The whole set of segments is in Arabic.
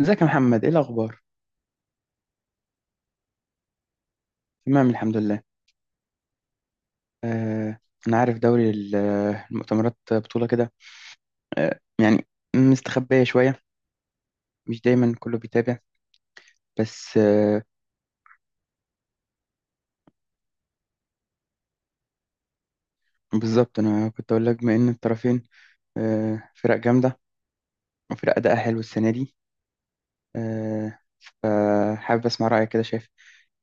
ازيك يا محمد ايه الاخبار؟ تمام الحمد لله. آه انا عارف دوري المؤتمرات بطولة كده. آه يعني مستخبية شوية، مش دايما كله بيتابع بس. بالظبط انا كنت اقول لك بما ان الطرفين فرق جامدة وفرق اداء حلو السنة دي. آه فحابب اسمع رأيك، كده شايف،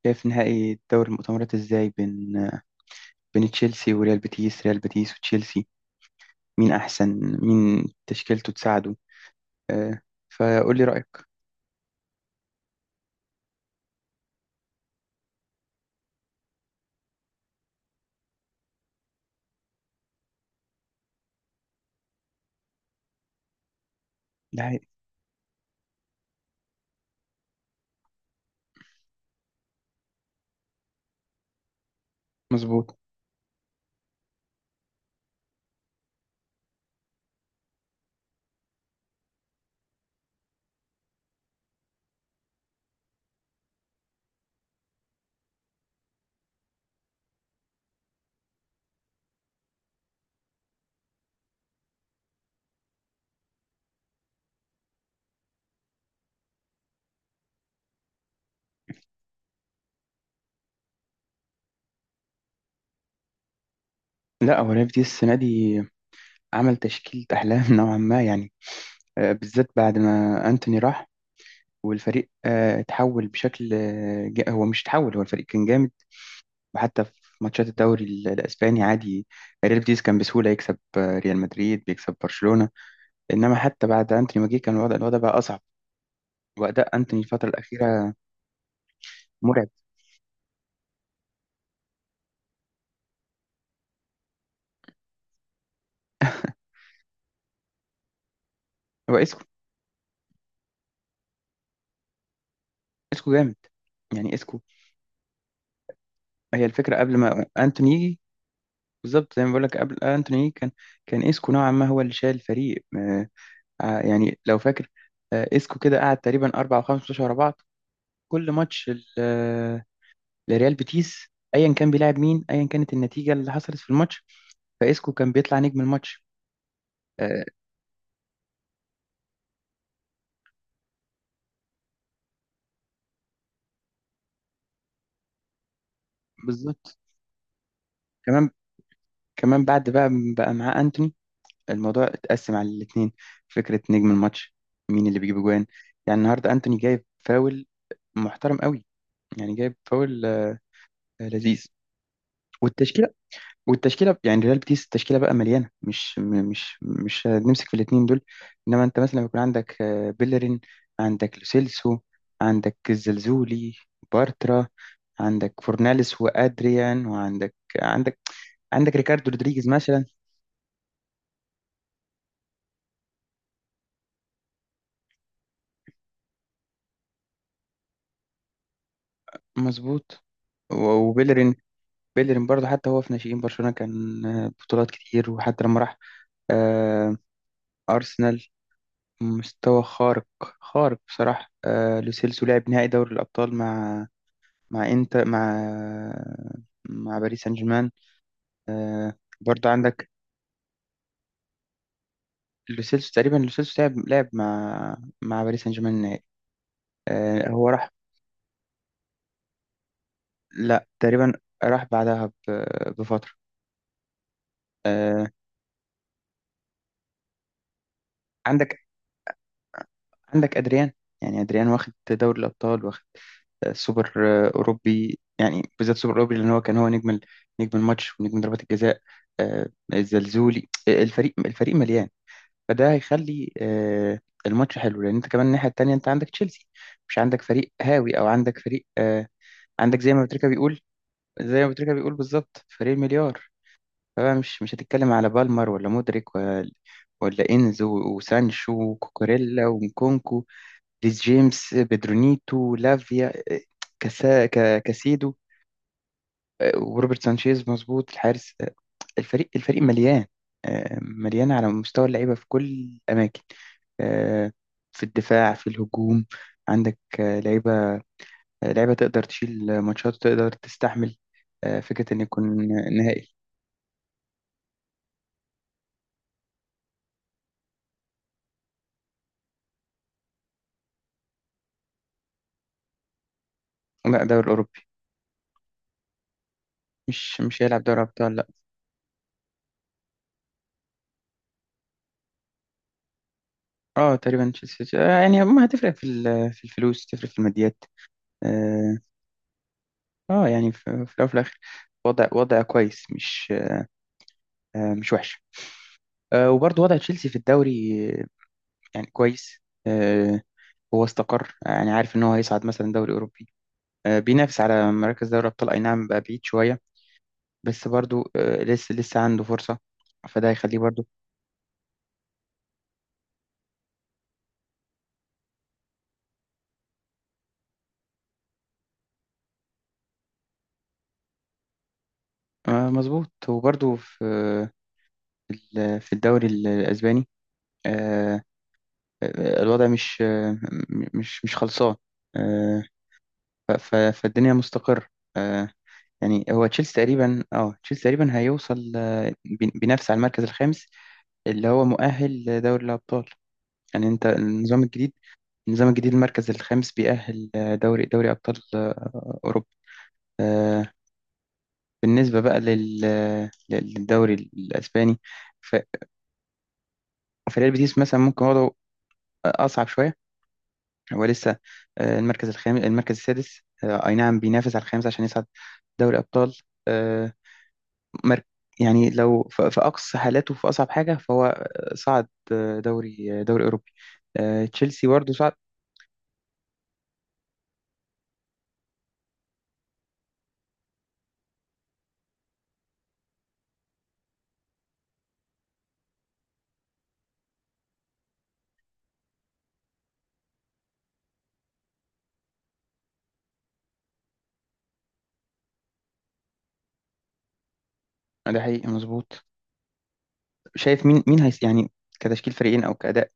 شايف نهائي دوري المؤتمرات ازاي بين بين تشيلسي وريال بيتيس، ريال بيتيس وتشيلسي، مين احسن؟ مين تشكيلته تساعده؟ آه فقول لي رأيك. ده حقيقي مظبوط. لا، هو ليفدي السنة دي عمل تشكيلة أحلام نوعا ما يعني. بالذات بعد ما أنتوني راح والفريق اتحول بشكل هو مش اتحول، هو الفريق كان جامد. وحتى في ماتشات الدوري الأسباني عادي، ريال بيتيس كان بسهولة يكسب ريال مدريد، بيكسب برشلونة. إنما حتى بعد أنتوني ما جه كان الوضع بقى أصعب. وأداء أنتوني الفترة الأخيرة مرعب. هو إسكو، إسكو جامد، يعني إسكو هي الفكرة قبل ما أنتوني يجي. بالظبط زي ما بقول لك، قبل أنتوني يجي كان إسكو نوعا ما هو اللي شايل الفريق. يعني لو فاكر، اسكو كده قعد تقريبا اربع او خمس ماتشات ورا بعض، كل ماتش لريال بيتيس، ايا كان بيلعب مين، ايا كانت النتيجه اللي حصلت في الماتش، فاسكو كان بيطلع نجم الماتش. آه، بالظبط. كمان كمان بعد بقى بقى معاه انتوني، الموضوع اتقسم على الاثنين، فكره نجم الماتش مين اللي بيجيب اجوان. يعني النهارده انتوني جايب فاول محترم قوي، يعني جايب فاول لذيذ. والتشكيله والتشكيله يعني ريال بيتيس، التشكيله بقى مليانه، مش م- مش مش نمسك في الاثنين دول، انما انت مثلا لما يكون عندك بيلرين، عندك لوسيلسو، عندك الزلزولي، بارترا، عندك فورناليس وادريان، وعندك عندك عندك ريكاردو رودريجيز مثلا. مظبوط. و- وبيلرين، بيلرين برضه حتى هو في ناشئين برشلونه كان بطولات كتير، وحتى لما راح آه، أرسنال، مستوى خارق، خارق بصراحة. لوسيلسو لعب نهائي دوري الأبطال مع، مع انت مع مع باريس سان جيرمان. آه برضو عندك لوسيلسو، تقريبا لوسيلسو لعب مع مع باريس سان جيرمان النهائي. هو راح، لا تقريبا، راح بعدها بفترة. آه عندك، عندك ادريان، يعني ادريان واخد دوري الابطال، واخد سوبر اوروبي، يعني بالذات سوبر اوروبي لان هو كان هو نجم نجم الماتش ونجم ضربات الجزاء. الزلزولي، الفريق الفريق مليان، فده هيخلي الماتش حلو، لان انت كمان الناحيه التانيه انت عندك تشيلسي، مش عندك فريق هاوي، او عندك فريق عندك زي ما بتريكا بيقول، زي ما بتريكا بيقول بالظبط فريق مليار. فبقى مش هتتكلم على بالمر، ولا مودريك، ولا انزو وسانشو وكوكوريلا ومكونكو، ريس جيمس، بيدرونيتو، لافيا، كاسا كاسيدو، وروبرت سانشيز، مظبوط الحارس. الفريق مليان، مليان على مستوى اللعيبة في كل الأماكن، آه، في الدفاع، في الهجوم، عندك لعيبة، لعيبة تقدر تشيل ماتشات، تقدر تستحمل فكرة إن يكون نهائي. لا، دوري أوروبي، مش هيلعب دوري أبطال لا. اه تقريبا تشيلسي يعني ما هتفرق في في الفلوس، تفرق في الماديات. اه يعني في في الأول وفي الآخر وضع، وضع كويس، مش مش وحش. وبرضه وضع تشيلسي في الدوري يعني كويس. آه، هو استقر، يعني عارف ان هو هيصعد مثلا دوري اوروبي، بينافس على مراكز دوري ابطال، اي نعم بقى بعيد شويه، بس برضو لسه عنده فرصه، فده هيخليه برضو. مظبوط. وبرضو في في الدوري الاسباني آه، الوضع مش مش خلصان. آه، ف- ف- فالدنيا مستقر. آه، يعني هو تشيلسي تقريبا، اه تشيلسي تقريبا هيوصل بينافس على المركز الخامس اللي هو مؤهل لدوري الابطال. يعني انت النظام الجديد، النظام الجديد المركز الخامس بيأهل دوري أبطال أوروبا. آه، بالنسبة بقى للدوري الأسباني، ف- فريال بيتيس مثلا ممكن وضعه أصعب شوية. هو لسه المركز الخامس، المركز السادس، أي نعم بينافس على الخامس عشان يصعد دوري أبطال. آه، مر- يعني لو في أقصى حالاته في أصعب حاجة فهو صعد دوري أوروبي، تشيلسي برضه صعد. ده حقيقي مظبوط. شايف مين، مين هيس يعني، كتشكيل فريقين أو كأداء،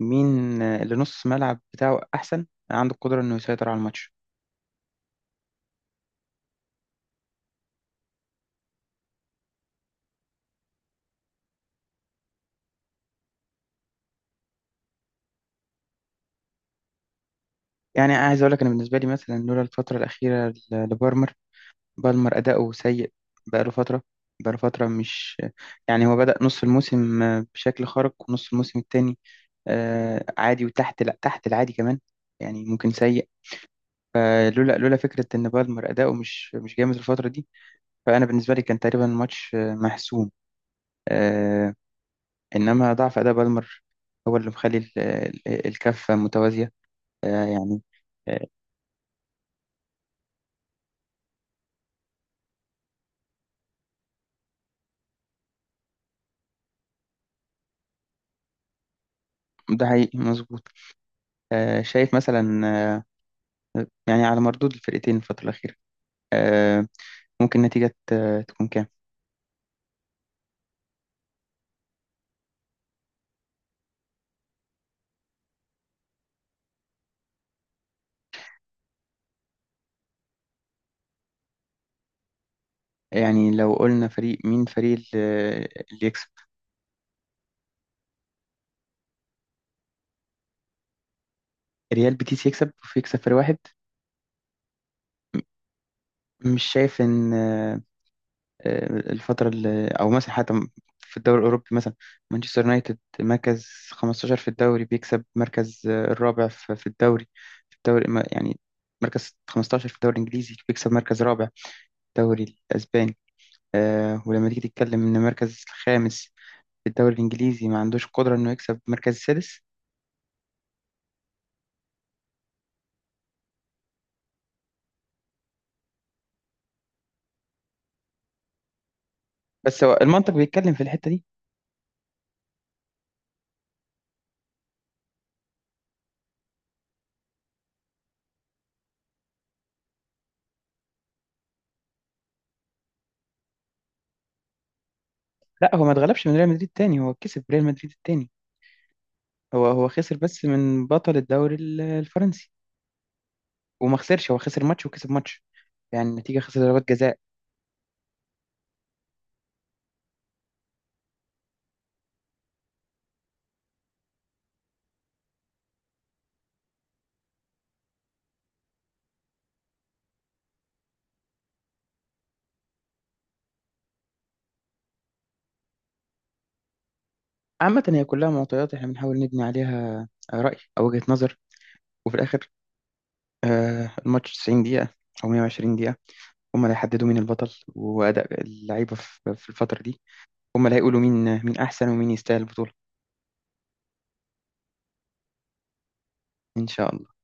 مين اللي نص ملعب بتاعه احسن، عنده القدره انه يسيطر على الماتش؟ يعني عايز اقول لك، انا بالنسبه لي مثلا لولا الفتره الاخيره لبالمر، بالمر اداؤه سيء بقاله فتره، بقاله فتره مش يعني هو بدأ نص الموسم بشكل خارق، ونص الموسم التاني عادي وتحت، لا تحت العادي كمان، يعني ممكن سيء. فلولا فكره ان بالمر اداؤه مش مش جامد الفتره دي، فانا بالنسبه لي كان تقريبا الماتش محسوم. آه، إنما ضعف أداء بالمر هو اللي مخلي الكفة متوازية. آه، يعني آه، ده حقيقي مظبوط. شايف مثلا، يعني على مردود الفرقتين الفترة الأخيرة آه، ممكن النتيجة تكون كام؟ يعني لو قلنا فريق مين، فريق اللي يكسب، ريال بيتيس يكسب ويكسب فريق واحد. مش شايف إن الفترة اللي أو مثلا حتى في الدوري الأوروبي مثلا، مانشستر يونايتد مركز 15 في الدوري بيكسب مركز الرابع في الدوري، يعني مركز 15 في الدوري الإنجليزي بيكسب مركز رابع في الدوري الأسباني. ولما تيجي تتكلم إن مركز الخامس في الدوري الإنجليزي ما عندوش قدرة إنه يكسب مركز السادس؟ بس هو المنطق بيتكلم في الحتة دي. لا هو ما اتغلبش من ريال مدريد تاني، هو كسب ريال مدريد التاني، هو خسر بس من بطل الدوري الفرنسي، وما خسرش، هو خسر ماتش وكسب ماتش، يعني النتيجة خسر ضربات جزاء. عامة هي كلها معطيات احنا بنحاول نبني عليها رأي أو وجهة نظر، وفي الآخر الماتش 90 دقيقة أو 120 دقيقة هما اللي هيحددوا مين البطل، وأداء اللعيبة في الفترة دي هما اللي هيقولوا مين، مين أحسن ومين يستاهل البطولة. إن شاء الله.